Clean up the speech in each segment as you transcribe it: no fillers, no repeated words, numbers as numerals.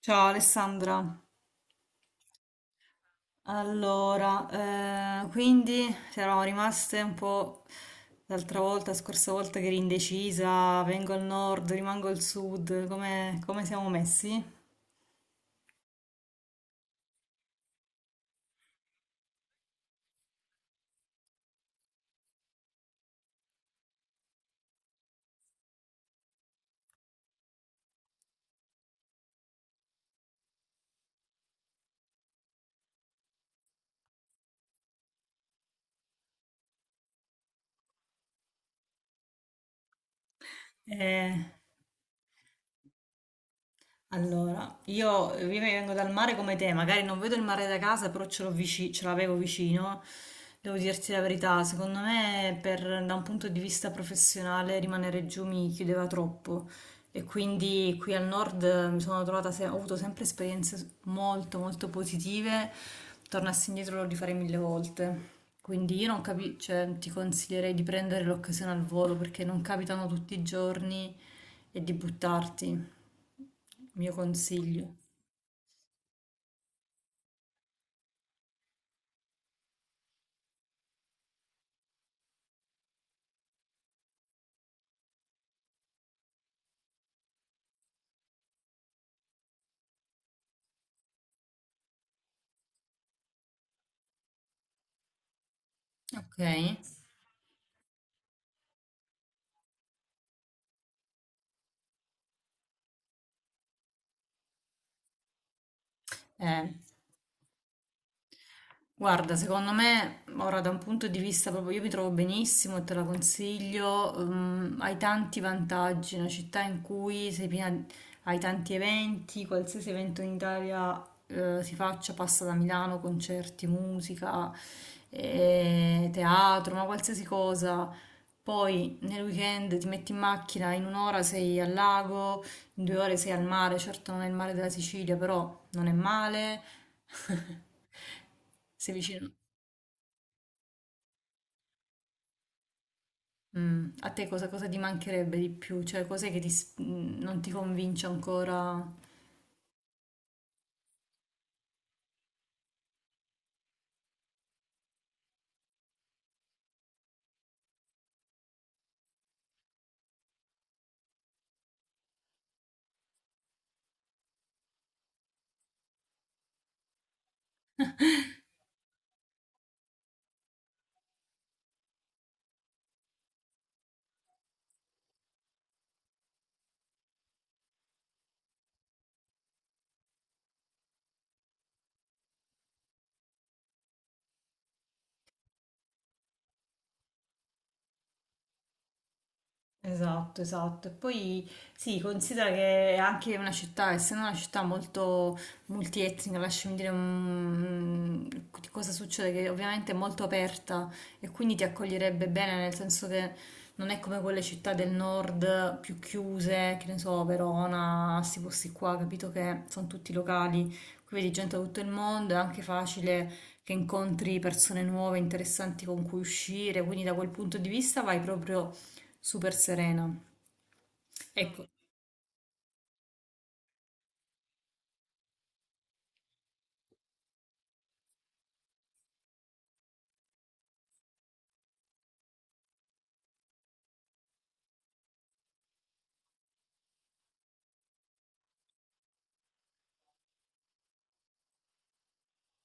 Ciao Alessandra, allora, quindi ci eravamo rimaste un po' l'altra volta, scorsa volta che eri indecisa, vengo al nord, rimango al sud, come siamo messi? Eh, Allora, io vengo dal mare come te, magari non vedo il mare da casa, però ce l'ho ce l'avevo vicino. Devo dirti la verità, secondo me da un punto di vista professionale rimanere giù mi chiudeva troppo e quindi qui al nord mi sono trovata, ho avuto sempre esperienze molto molto positive, tornassi indietro lo rifarei mille volte. Quindi io non capisco, cioè, ti consiglierei di prendere l'occasione al volo perché non capitano tutti i giorni e di buttarti. Mio consiglio, okay. Eh. Guarda, secondo me, ora da un punto di vista proprio, io mi trovo benissimo e te la consiglio, hai tanti vantaggi, è una città in cui sei piena, hai tanti eventi, qualsiasi evento in Italia, si faccia, passa da Milano, concerti, musica, teatro, ma qualsiasi cosa. Poi nel weekend ti metti in macchina, in un'ora sei al lago, in due ore sei al mare, certo non è il mare della Sicilia, però non è male. Sei vicino. Mm. A te cosa ti mancherebbe di più? Cioè, cos'è che non ti convince ancora? Esatto, esatto. E poi sì, considera che è anche una città, essendo una città molto multietnica, lasciami dire di cosa succede, che ovviamente è molto aperta e quindi ti accoglierebbe bene, nel senso che non è come quelle città del nord più chiuse, che ne so, Verona, questi posti qua, capito che sono tutti locali, qui vedi gente da tutto il mondo, è anche facile che incontri persone nuove, interessanti con cui uscire, quindi da quel punto di vista vai proprio super serena. Mm. Ecco,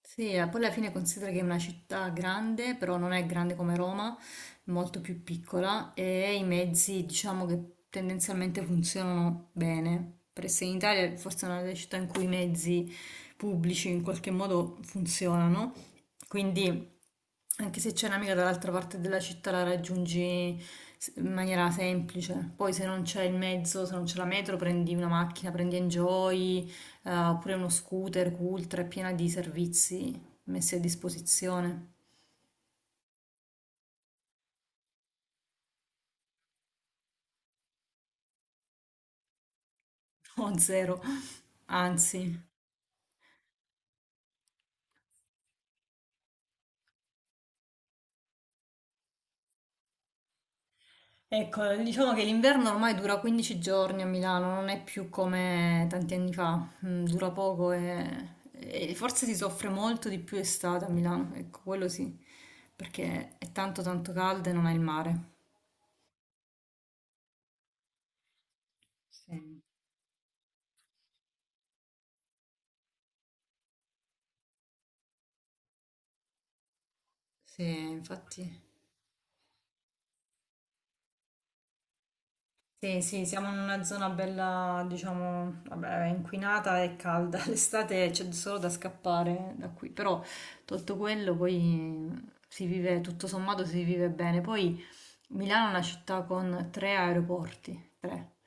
sì, poi alla fine considera che è una città grande, però non è grande come Roma, molto più piccola e i mezzi diciamo che tendenzialmente funzionano bene. Per essere in Italia forse è una delle città in cui i mezzi pubblici in qualche modo funzionano, quindi anche se c'è un'amica dall'altra parte della città la raggiungi in maniera semplice. Poi se non c'è il mezzo, se non c'è la metro, prendi una macchina, prendi Enjoy, oppure uno scooter, Cultra, è piena di servizi messi a disposizione. O zero. Anzi. Ecco, diciamo che l'inverno ormai dura 15 giorni a Milano, non è più come tanti anni fa. Mm, dura poco e forse si soffre molto di più estate a Milano, ecco, quello sì, perché è tanto tanto caldo e non ha il mare. Sì. Sì, infatti. Sì, sì, siamo in una zona bella, diciamo, vabbè, inquinata e calda. L'estate c'è solo da scappare da qui, però tolto quello poi si vive, tutto sommato si vive bene. Poi Milano è una città con tre aeroporti, tre.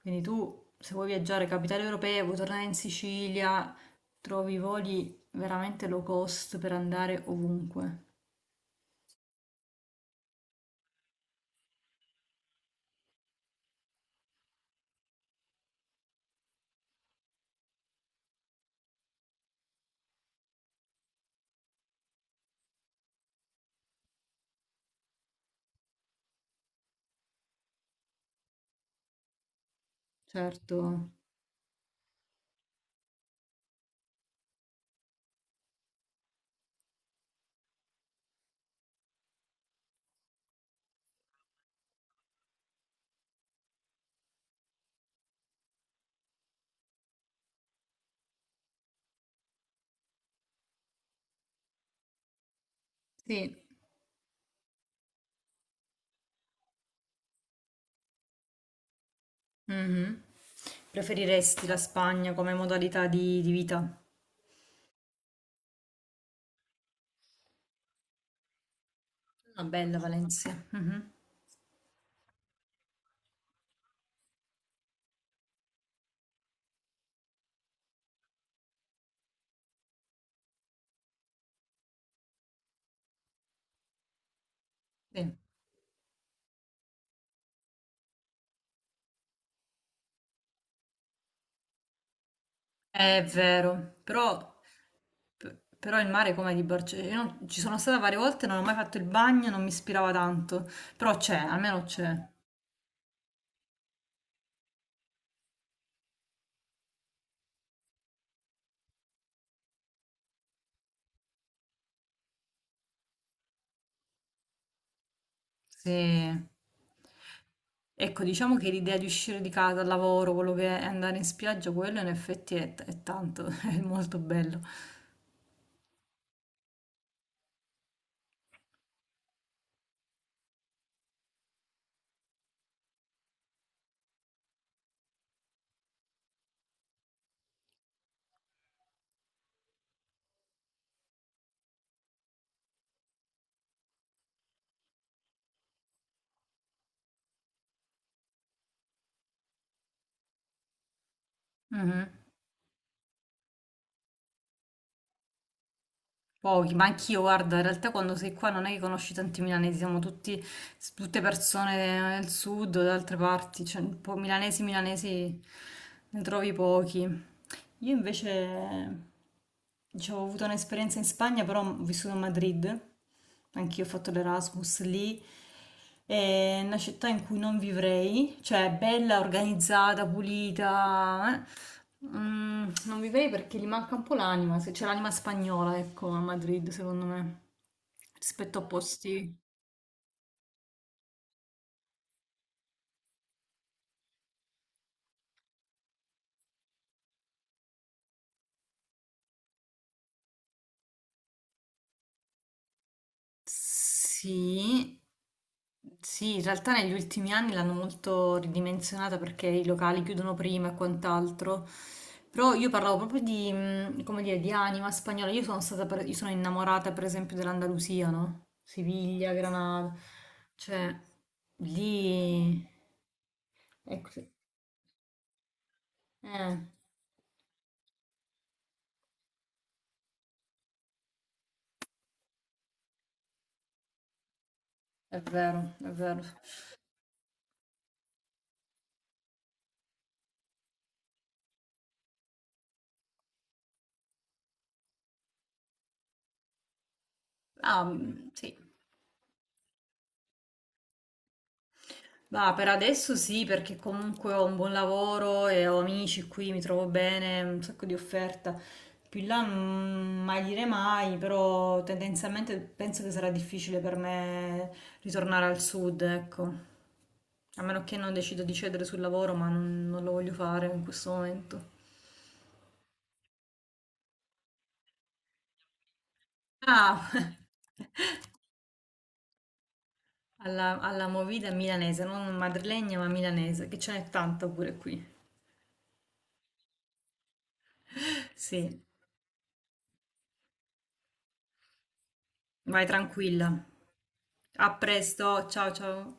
Quindi tu, se vuoi viaggiare capitale europea, vuoi tornare in Sicilia, trovi voli veramente low cost per andare ovunque. Certo, sì. Mhm. Preferiresti la Spagna come modalità di vita? Una bella Valencia. Mhm. Sì. È vero, però, però il mare come di Barcellona? Io non- ci sono stata varie volte, non ho mai fatto il bagno, non mi ispirava tanto, però c'è, almeno c'è. Sì. Ecco, diciamo che l'idea di uscire di casa, al lavoro, quello che è andare in spiaggia, quello in effetti è tanto, è molto bello. Mhm. Pochi, ma anch'io, guarda, in realtà quando sei qua non è che conosci tanti milanesi, siamo tutti, tutte persone del sud, da altre parti, cioè un po' milanesi, milanesi ne trovi pochi. Io invece, diciamo, ho avuto un'esperienza in Spagna, però ho vissuto a Madrid, anch'io ho fatto l'Erasmus lì. È una città in cui non vivrei, cioè è bella, organizzata, pulita. Eh. Mm, non vivrei perché gli manca un po' l'anima, se c'è l'anima spagnola, ecco, a Madrid, secondo me, rispetto a posti. Sì, sì, in realtà negli ultimi anni l'hanno molto ridimensionata perché i locali chiudono prima e quant'altro. Però io parlavo proprio di come dire, di anima spagnola. Io sono innamorata per esempio dell'Andalusia, no? Siviglia, Granada. Cioè, lì... Ecco. Sì. Eh, è vero, è vero. Ah, sì. Ma per adesso sì, perché comunque ho un buon lavoro e ho amici qui, mi trovo bene, un sacco di offerta. Più in là mai dire mai, però tendenzialmente penso che sarà difficile per me ritornare al sud, ecco. A meno che non decido di cedere sul lavoro, ma non lo voglio fare in questo momento. Ah, alla movida milanese, non madrilegna ma milanese, che ce n'è tanta pure qui. Sì, vai tranquilla. A presto, ciao ciao.